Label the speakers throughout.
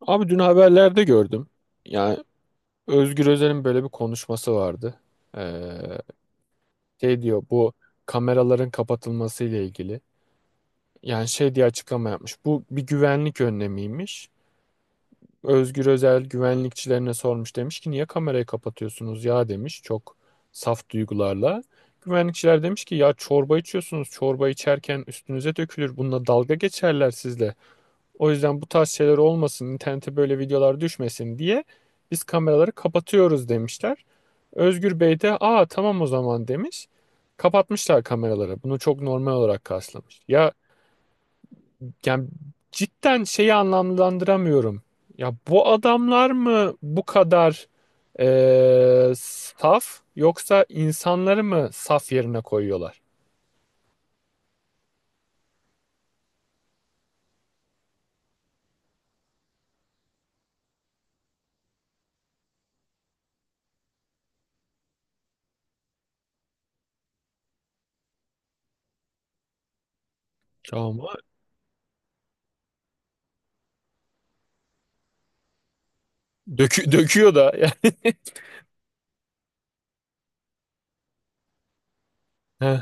Speaker 1: Abi dün haberlerde gördüm. Yani Özgür Özel'in böyle bir konuşması vardı. Ee, Şey diyor bu kameraların kapatılması ile ilgili. Yani şey diye açıklama yapmış. Bu bir güvenlik önlemiymiş. Özgür Özel güvenlikçilerine sormuş, demiş ki niye kamerayı kapatıyorsunuz ya, demiş, çok saf duygularla. Güvenlikçiler demiş ki ya çorba içiyorsunuz, çorba içerken üstünüze dökülür, bununla dalga geçerler sizle. O yüzden bu tarz şeyler olmasın, internete böyle videolar düşmesin diye biz kameraları kapatıyoruz demişler. Özgür Bey de aa tamam o zaman demiş. Kapatmışlar kameraları. Bunu çok normal olarak karşılamış. Ya, yani cidden şeyi anlamlandıramıyorum. Ya bu adamlar mı bu kadar saf, yoksa insanları mı saf yerine koyuyorlar? Ama döküyor da. Heh,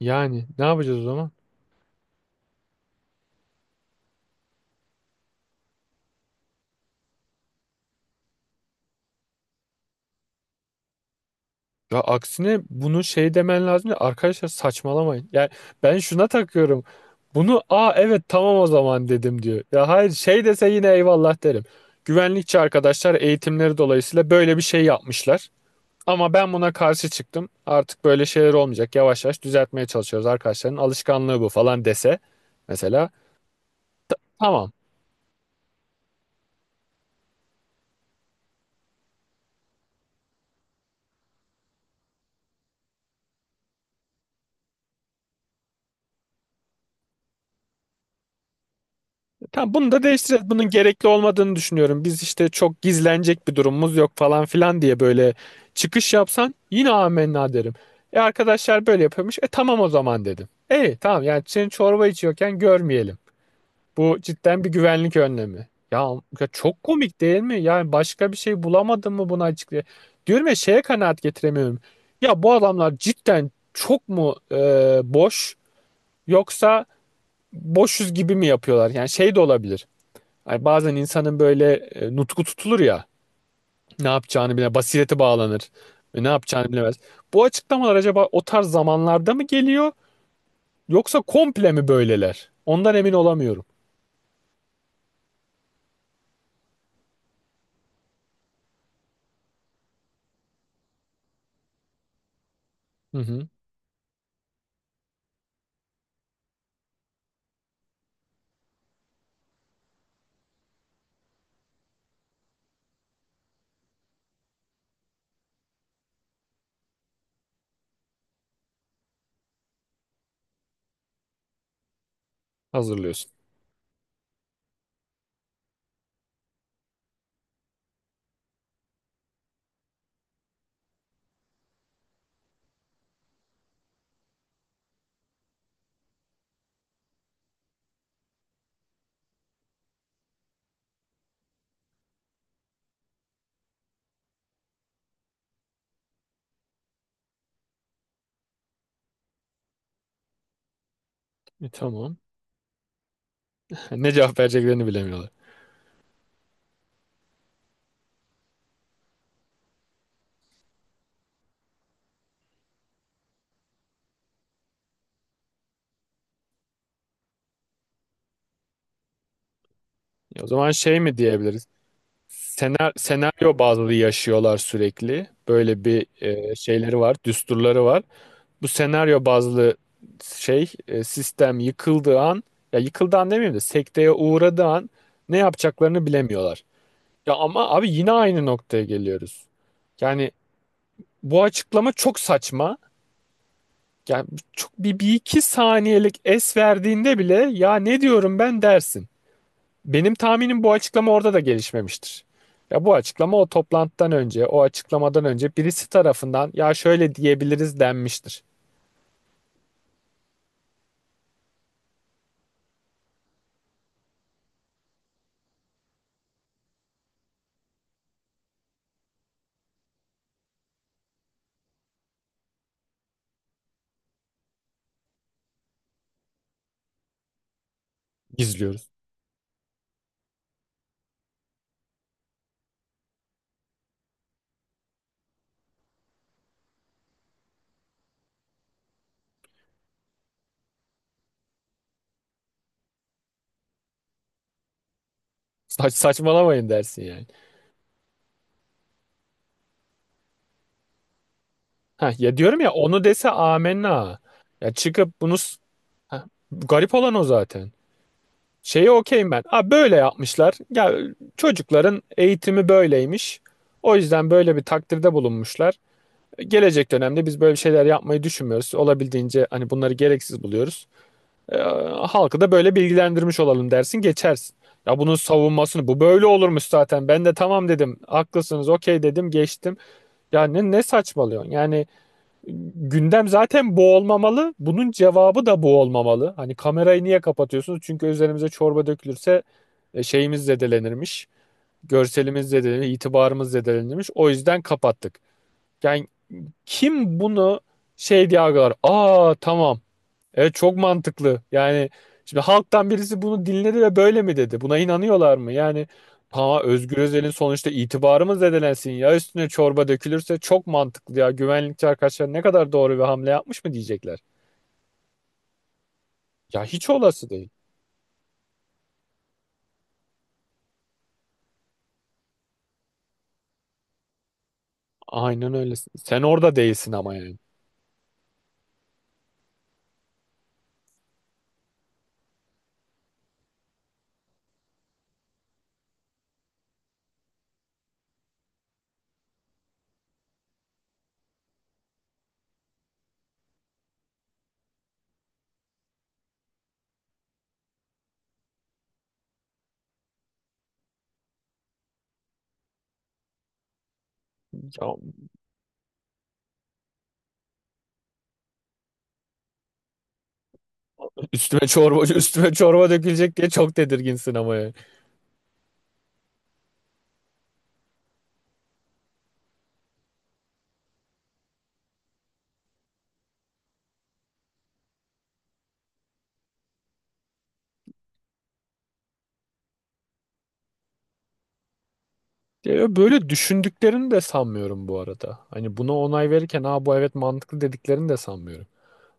Speaker 1: yani ne yapacağız o zaman? Ya aksine bunu şey demen lazım: ya arkadaşlar, saçmalamayın. Yani ben şuna takıyorum. Bunu aa evet tamam o zaman dedim diyor. Ya hayır, şey dese yine eyvallah derim. Güvenlikçi arkadaşlar eğitimleri dolayısıyla böyle bir şey yapmışlar. Ama ben buna karşı çıktım. Artık böyle şeyler olmayacak. Yavaş yavaş düzeltmeye çalışıyoruz, arkadaşların alışkanlığı bu falan dese. Mesela tamam. Tamam, bunu da değiştireceğiz. Bunun gerekli olmadığını düşünüyorum. Biz işte çok gizlenecek bir durumumuz yok falan filan diye böyle çıkış yapsan yine amenna derim. E arkadaşlar böyle yapıyormuş. E tamam o zaman dedim. E tamam, yani senin çorba içiyorken görmeyelim. Bu cidden bir güvenlik önlemi. Ya çok komik değil mi? Yani başka bir şey bulamadın mı buna açıklayayım? Diyorum ya, şeye kanaat getiremiyorum. Ya bu adamlar cidden çok mu boş, yoksa boşuz gibi mi yapıyorlar? Yani şey de olabilir. Ay bazen insanın böyle nutku tutulur ya. Ne yapacağını bile basireti bağlanır. Ve ne yapacağını bilemez. Bu açıklamalar acaba o tarz zamanlarda mı geliyor, yoksa komple mi böyleler? Ondan emin olamıyorum. Hı hı. Hazırlıyorsun. E, tamam. Ne cevap vereceklerini bilemiyorlar. E, o zaman şey mi diyebiliriz? Senaryo bazlı yaşıyorlar sürekli. Böyle bir şeyleri var, düsturları var. Bu senaryo bazlı şey, sistem yıkıldığı an, ya yıkıldığı an demeyeyim de sekteye uğradığı an ne yapacaklarını bilemiyorlar. Ya ama abi yine aynı noktaya geliyoruz. Yani bu açıklama çok saçma. Yani çok bir iki saniyelik es verdiğinde bile ya ne diyorum ben dersin. Benim tahminim, bu açıklama orada da gelişmemiştir. Ya bu açıklama o toplantıdan önce, o açıklamadan önce birisi tarafından ya şöyle diyebiliriz denmiştir. Gizliyoruz. Saçmalamayın dersin yani. Ha, ya diyorum ya, onu dese amenna. Ya çıkıp bunu s- ha, garip olan o zaten. Şeye okeyim ben. Ha, böyle yapmışlar. Ya çocukların eğitimi böyleymiş. O yüzden böyle bir takdirde bulunmuşlar. Gelecek dönemde biz böyle şeyler yapmayı düşünmüyoruz. Olabildiğince hani bunları gereksiz buluyoruz. Ee, Halkı da böyle bilgilendirmiş olalım dersin, geçersin. Ya bunun savunmasını bu böyle olurmuş zaten. Ben de tamam dedim. Haklısınız, okey dedim, geçtim. Ya ne saçmalıyorsun? Yani gündem zaten bu olmamalı. Bunun cevabı da bu olmamalı. Hani kamerayı niye kapatıyorsunuz? Çünkü üzerimize çorba dökülürse şeyimiz zedelenirmiş. Görselimiz zedelenir, itibarımız zedelenirmiş. O yüzden kapattık. Yani kim bunu şey diye algılar? Aa tamam. Evet çok mantıklı. Yani şimdi halktan birisi bunu dinledi ve böyle mi dedi? Buna inanıyorlar mı? Yani ha, Özgür Özel'in sonuçta itibarı mı zedelensin, ya üstüne çorba dökülürse, çok mantıklı ya. Güvenlikçi arkadaşlar ne kadar doğru bir hamle yapmış mı diyecekler. Ya hiç olası değil. Aynen öyle. Sen orada değilsin ama yani. Ya üstüme çorba dökülecek diye çok tedirginsin ama yani. Ya böyle düşündüklerini de sanmıyorum bu arada. Hani buna onay verirken ha bu evet mantıklı dediklerini de sanmıyorum.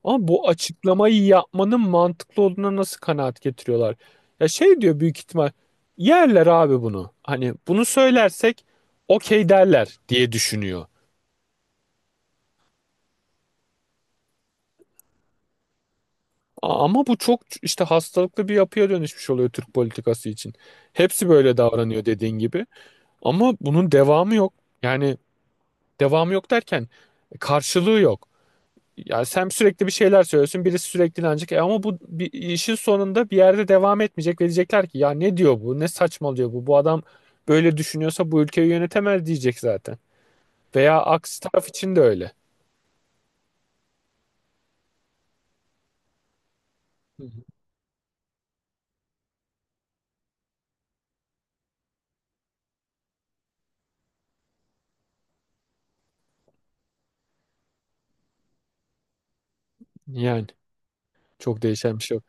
Speaker 1: Ama bu açıklamayı yapmanın mantıklı olduğuna nasıl kanaat getiriyorlar? Ya şey diyor büyük ihtimal: yerler abi bunu. Hani bunu söylersek okey derler diye düşünüyor. Ama bu çok işte hastalıklı bir yapıya dönüşmüş oluyor Türk politikası için. Hepsi böyle davranıyor dediğin gibi. Ama bunun devamı yok. Yani devamı yok derken, karşılığı yok. Yani sen sürekli bir şeyler söylüyorsun, birisi sürekli inanacak. E ama bu bir, işin sonunda bir yerde devam etmeyecek ve diyecekler ki ya ne diyor bu, ne saçmalıyor bu, bu adam böyle düşünüyorsa bu ülkeyi yönetemez diyecek zaten. Veya aksi taraf için de öyle. Hı hı. Yani çok değişen bir şey yok.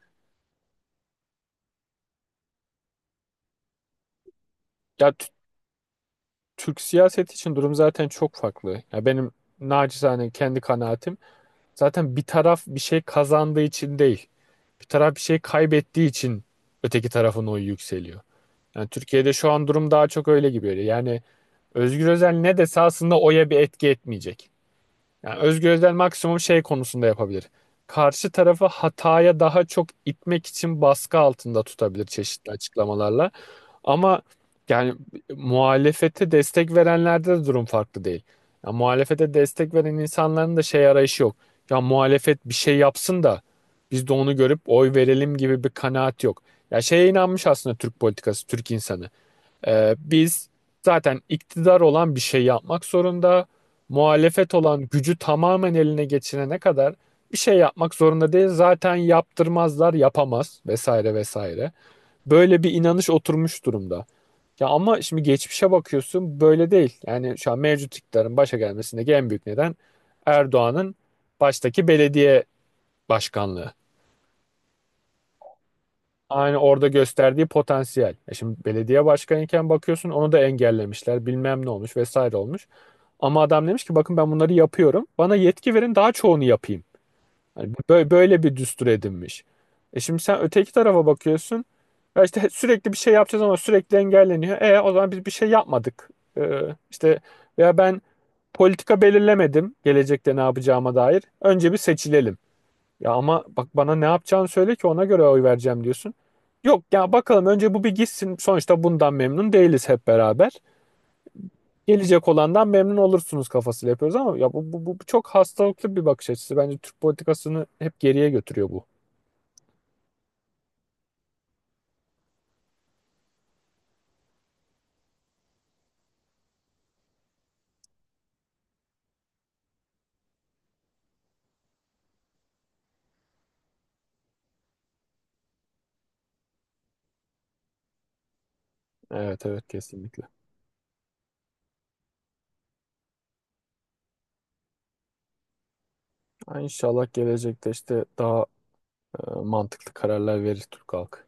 Speaker 1: Ya t- Türk siyaseti için durum zaten çok farklı. Ya benim naçizane kendi kanaatim, zaten bir taraf bir şey kazandığı için değil, bir taraf bir şey kaybettiği için öteki tarafın oyu yükseliyor. Yani Türkiye'de şu an durum daha çok öyle gibi. Öyle. Yani Özgür Özel ne dese aslında oya bir etki etmeyecek. Yani Özgür Özel maksimum şey konusunda yapabilir: karşı tarafı hataya daha çok itmek için baskı altında tutabilir çeşitli açıklamalarla. Ama yani muhalefete destek verenlerde de durum farklı değil. Ya muhalefete destek veren insanların da şey arayışı yok. Ya muhalefet bir şey yapsın da biz de onu görüp oy verelim gibi bir kanaat yok. Ya şeye inanmış aslında Türk politikası, Türk insanı. Biz, zaten iktidar olan bir şey yapmak zorunda. Muhalefet olan gücü tamamen eline geçirene kadar bir şey yapmak zorunda değil. Zaten yaptırmazlar, yapamaz vesaire vesaire. Böyle bir inanış oturmuş durumda. Ya ama şimdi geçmişe bakıyorsun, böyle değil. Yani şu an mevcut iktidarın başa gelmesindeki en büyük neden Erdoğan'ın baştaki belediye başkanlığı. Aynı orada gösterdiği potansiyel. E şimdi belediye başkanıyken bakıyorsun, onu da engellemişler. Bilmem ne olmuş, vesaire olmuş. Ama adam demiş ki bakın ben bunları yapıyorum. Bana yetki verin, daha çoğunu yapayım. Hani böyle, böyle bir düstur edinmiş. E şimdi sen öteki tarafa bakıyorsun. Ya işte sürekli bir şey yapacağız ama sürekli engelleniyor. E o zaman biz bir şey yapmadık. E, işte veya ben politika belirlemedim gelecekte ne yapacağıma dair. Önce bir seçilelim. Ya ama bak, bana ne yapacağını söyle ki ona göre oy vereceğim diyorsun. Yok ya, bakalım önce bu bir gitsin. Sonuçta bundan memnun değiliz hep beraber, gelecek olandan memnun olursunuz kafasıyla yapıyoruz ama ya bu çok hastalıklı bir bakış açısı. Bence Türk politikasını hep geriye götürüyor bu. Evet evet kesinlikle. Ha, İnşallah gelecekte işte daha mantıklı kararlar verir Türk halkı.